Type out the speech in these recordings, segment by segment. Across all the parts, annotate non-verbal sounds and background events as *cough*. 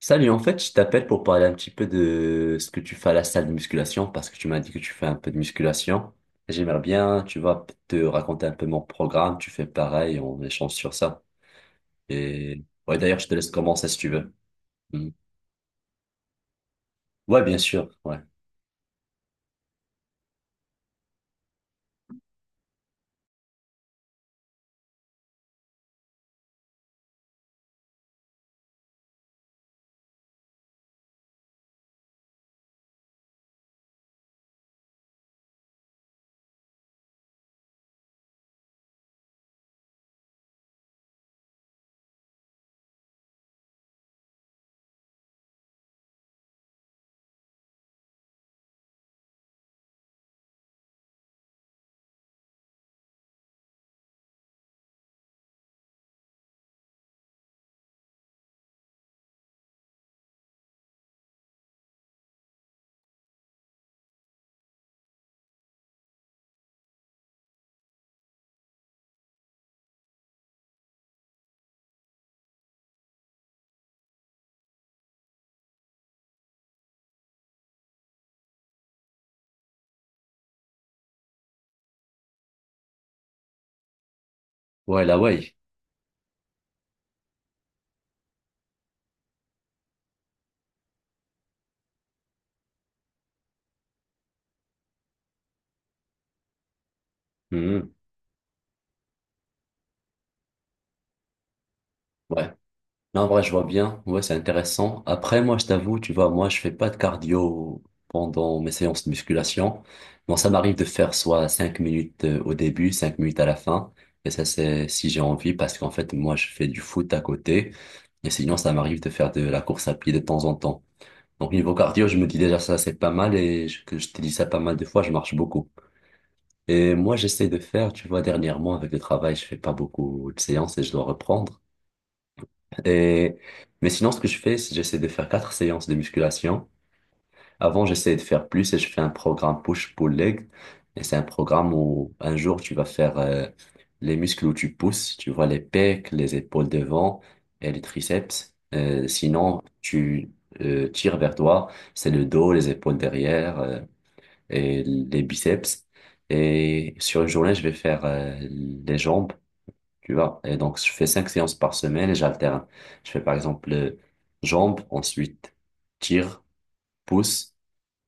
Salut, en fait, je t'appelle pour parler un petit peu de ce que tu fais à la salle de musculation parce que tu m'as dit que tu fais un peu de musculation. J'aimerais bien, tu vois, te raconter un peu mon programme. Tu fais pareil, on échange sur ça. Et ouais, d'ailleurs, je te laisse commencer si tu veux. Mhm. Ouais, bien sûr. Ouais. Ouais, la way. Mhm. Ouais. Non, en vrai, je vois bien. Ouais, c'est intéressant. Après, moi, je t'avoue, tu vois, moi, je fais pas de cardio pendant mes séances de musculation. Bon, ça m'arrive de faire soit 5 minutes au début, 5 minutes à la fin. Et ça, c'est si j'ai envie, parce qu'en fait, moi, je fais du foot à côté. Et sinon, ça m'arrive de faire de la course à pied de temps en temps. Donc, niveau cardio, je me dis déjà, ça, c'est pas mal. Et que je te dis ça pas mal de fois, je marche beaucoup. Et moi, j'essaie de faire, tu vois, dernièrement, avec le travail, je fais pas beaucoup de séances et je dois reprendre. Et, mais sinon, ce que je fais, c'est j'essaie de faire quatre séances de musculation. Avant, j'essayais de faire plus et je fais un programme push-pull-leg. Et c'est un programme où un jour, tu vas faire les muscles où tu pousses. Tu vois les pecs, les épaules devant et les triceps. Sinon, tu tires vers toi. C'est le dos, les épaules derrière et les biceps. Et sur une journée, je vais faire les jambes. Tu vois, et donc je fais cinq séances par semaine et j'alterne. Je fais par exemple jambes, ensuite tir, pouce,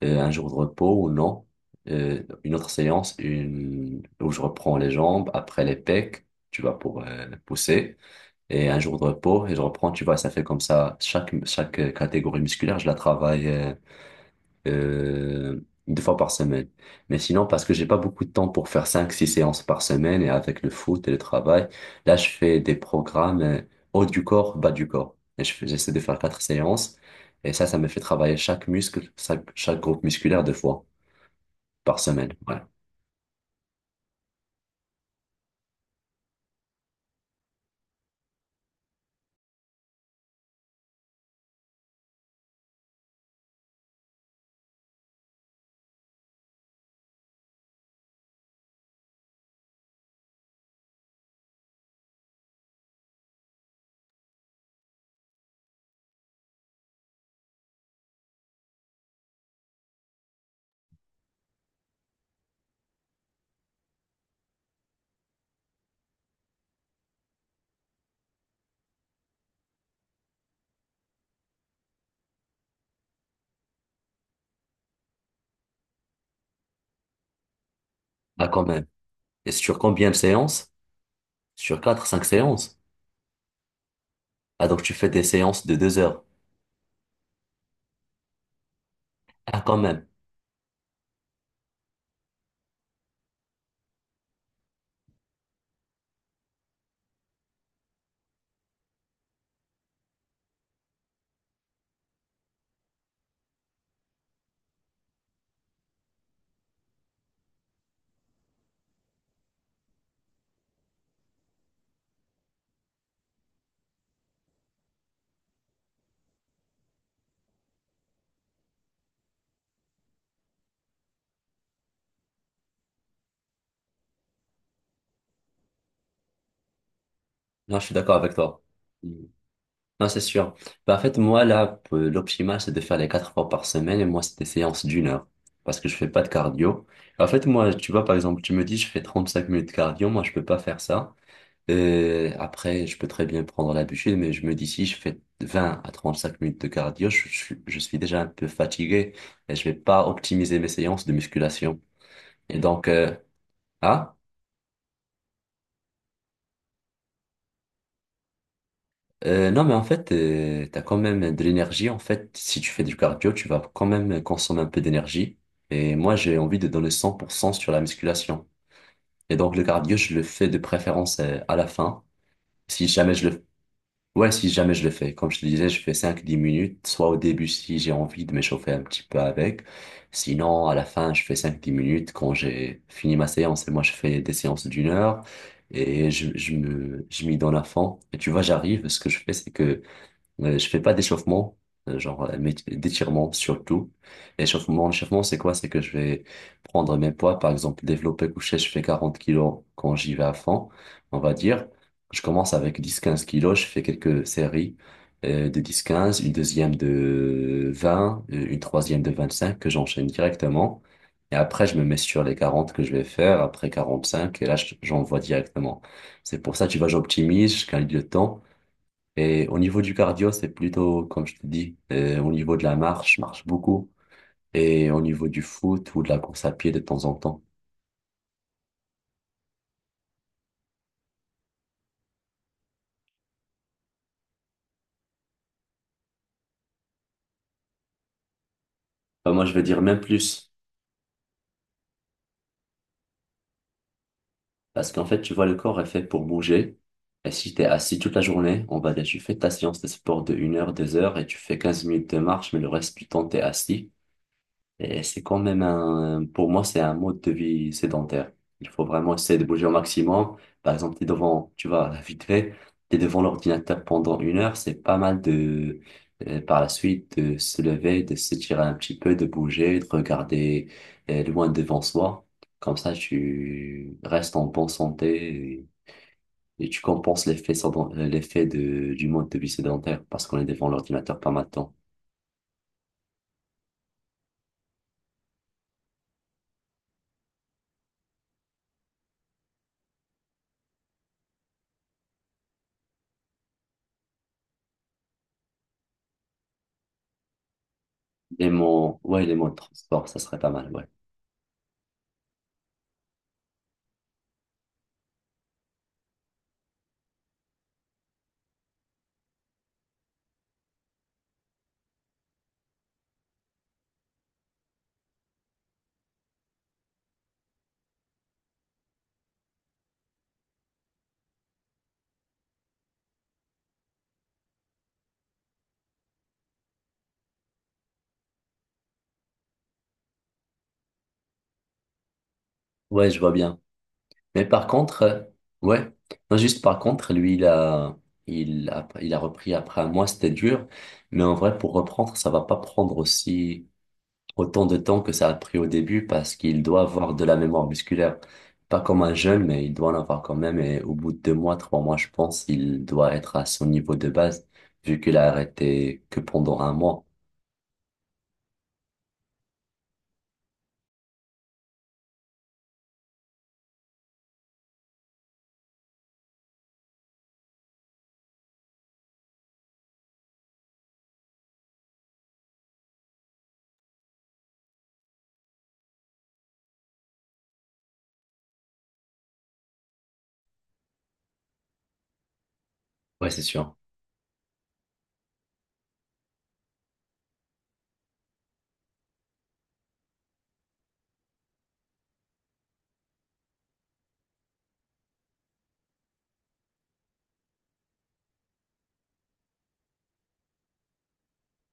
un jour de repos ou non, une autre séance où je reprends les jambes, après les pecs, tu vois, pour pousser, et un jour de repos et je reprends, tu vois, ça fait comme ça, chaque catégorie musculaire, je la travaille euh, deux fois par semaine. Mais sinon, parce que j'ai pas beaucoup de temps pour faire cinq, six séances par semaine et avec le foot et le travail, là, je fais des programmes haut du corps, bas du corps. Et j'essaie de faire quatre séances. Et ça me fait travailler chaque muscle, chaque groupe musculaire deux fois par semaine. Ouais. Ah, quand même. Et sur combien de séances? Sur quatre, cinq séances. Ah, donc tu fais des séances de 2 heures. Ah, quand même. Là, je suis d'accord avec toi. Non, c'est sûr. Bah, en fait, moi, là, l'optimal, c'est de faire les quatre fois par semaine et moi, c'est des séances d'1 heure parce que je fais pas de cardio. En fait, moi, tu vois, par exemple, tu me dis, je fais 35 minutes de cardio, moi, je peux pas faire ça. Après, je peux très bien prendre la bûche, mais je me dis, si je fais 20 à 35 minutes de cardio, je suis déjà un peu fatigué et je vais pas optimiser mes séances de musculation. Et donc, hein? Non, mais en fait, t'as quand même de l'énergie. En fait, si tu fais du cardio, tu vas quand même consommer un peu d'énergie. Et moi, j'ai envie de donner 100% sur la musculation. Et donc, le cardio, je le fais de préférence à la fin. Si jamais je le, ouais, si jamais je le fais. Comme je te disais, je fais 5-10 minutes, soit au début si j'ai envie de m'échauffer un petit peu avec. Sinon, à la fin, je fais cinq dix minutes quand j'ai fini ma séance. Et moi, je fais des séances d'une heure. Et je m'y donne à fond. Et tu vois, j'arrive. Ce que je fais, c'est que je fais pas d'échauffement, mais d'étirement surtout. L'échauffement, c'est quoi? C'est que je vais prendre mes poids, par exemple, développé couché, je fais 40 kilos quand j'y vais à fond, on va dire. Je commence avec 10-15 kilos, je fais quelques séries de 10-15 une deuxième de 20 une troisième de 25 que j'enchaîne directement. Et après, je me mets sur les 40 que je vais faire, après 45 et là, j'envoie directement. C'est pour ça, tu vois, j'optimise, je gagne du temps. Et au niveau du cardio, c'est plutôt, comme je te dis, au niveau de la marche, je marche beaucoup. Et au niveau du foot ou de la course à pied de temps en temps. Bah, moi, je vais dire même plus. Parce qu'en fait, tu vois, le corps est fait pour bouger. Et si t'es assis toute la journée, on va dire, tu fais ta séance de sport de 1 heure, 2 heures et tu fais 15 minutes de marche, mais le reste du temps, t'es assis. Et c'est quand même pour moi, c'est un mode de vie sédentaire. Il faut vraiment essayer de bouger au maximum. Par exemple, t'es devant, tu vois, *laughs* vite fait, t'es devant l'ordinateur pendant 1 heure, c'est pas mal par la suite, de se lever, de s'étirer un petit peu, de bouger, de regarder, loin devant soi. Comme ça, tu restes en bonne santé et tu compenses l'effet du mode de vie sédentaire parce qu'on est devant l'ordinateur pas mal de temps. Les mots, ouais, les mots de transport, ça serait pas mal, ouais. Ouais, je vois bien. Mais par contre, ouais, non, juste par contre, lui, il a repris après un mois, c'était dur. Mais en vrai, pour reprendre, ça va pas prendre aussi autant de temps que ça a pris au début parce qu'il doit avoir de la mémoire musculaire. Pas comme un jeune, mais il doit en avoir quand même. Et au bout de 2 mois, 3 mois, je pense, il doit être à son niveau de base vu qu'il a arrêté que pendant un mois. Ouais, c'est sûr.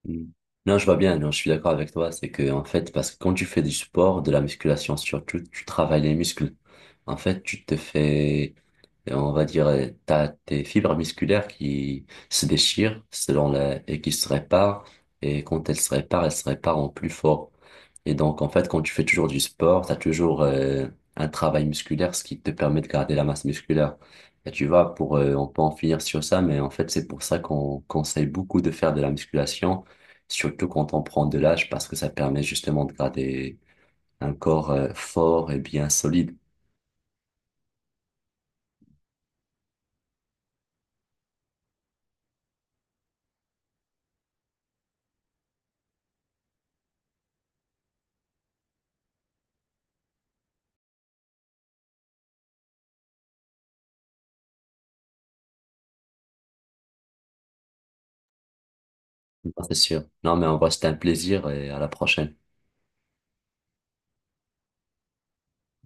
Mm. Non, je vois bien, non, je suis d'accord avec toi. C'est que, en fait, parce que quand tu fais du sport, de la musculation surtout, tu travailles les muscles. En fait, tu te fais, on va dire, t'as tes fibres musculaires qui se déchirent et qui se réparent. Et quand elles se réparent en plus fort. Et donc, en fait, quand tu fais toujours du sport, t'as toujours un travail musculaire, ce qui te permet de garder la masse musculaire. Et tu vois, on peut en finir sur ça, mais en fait, c'est pour ça qu'on conseille beaucoup de faire de la musculation, surtout quand on prend de l'âge, parce que ça permet justement de garder un corps fort et bien solide. Non, c'est sûr. Non, mais en vrai, c'était un plaisir et à la prochaine.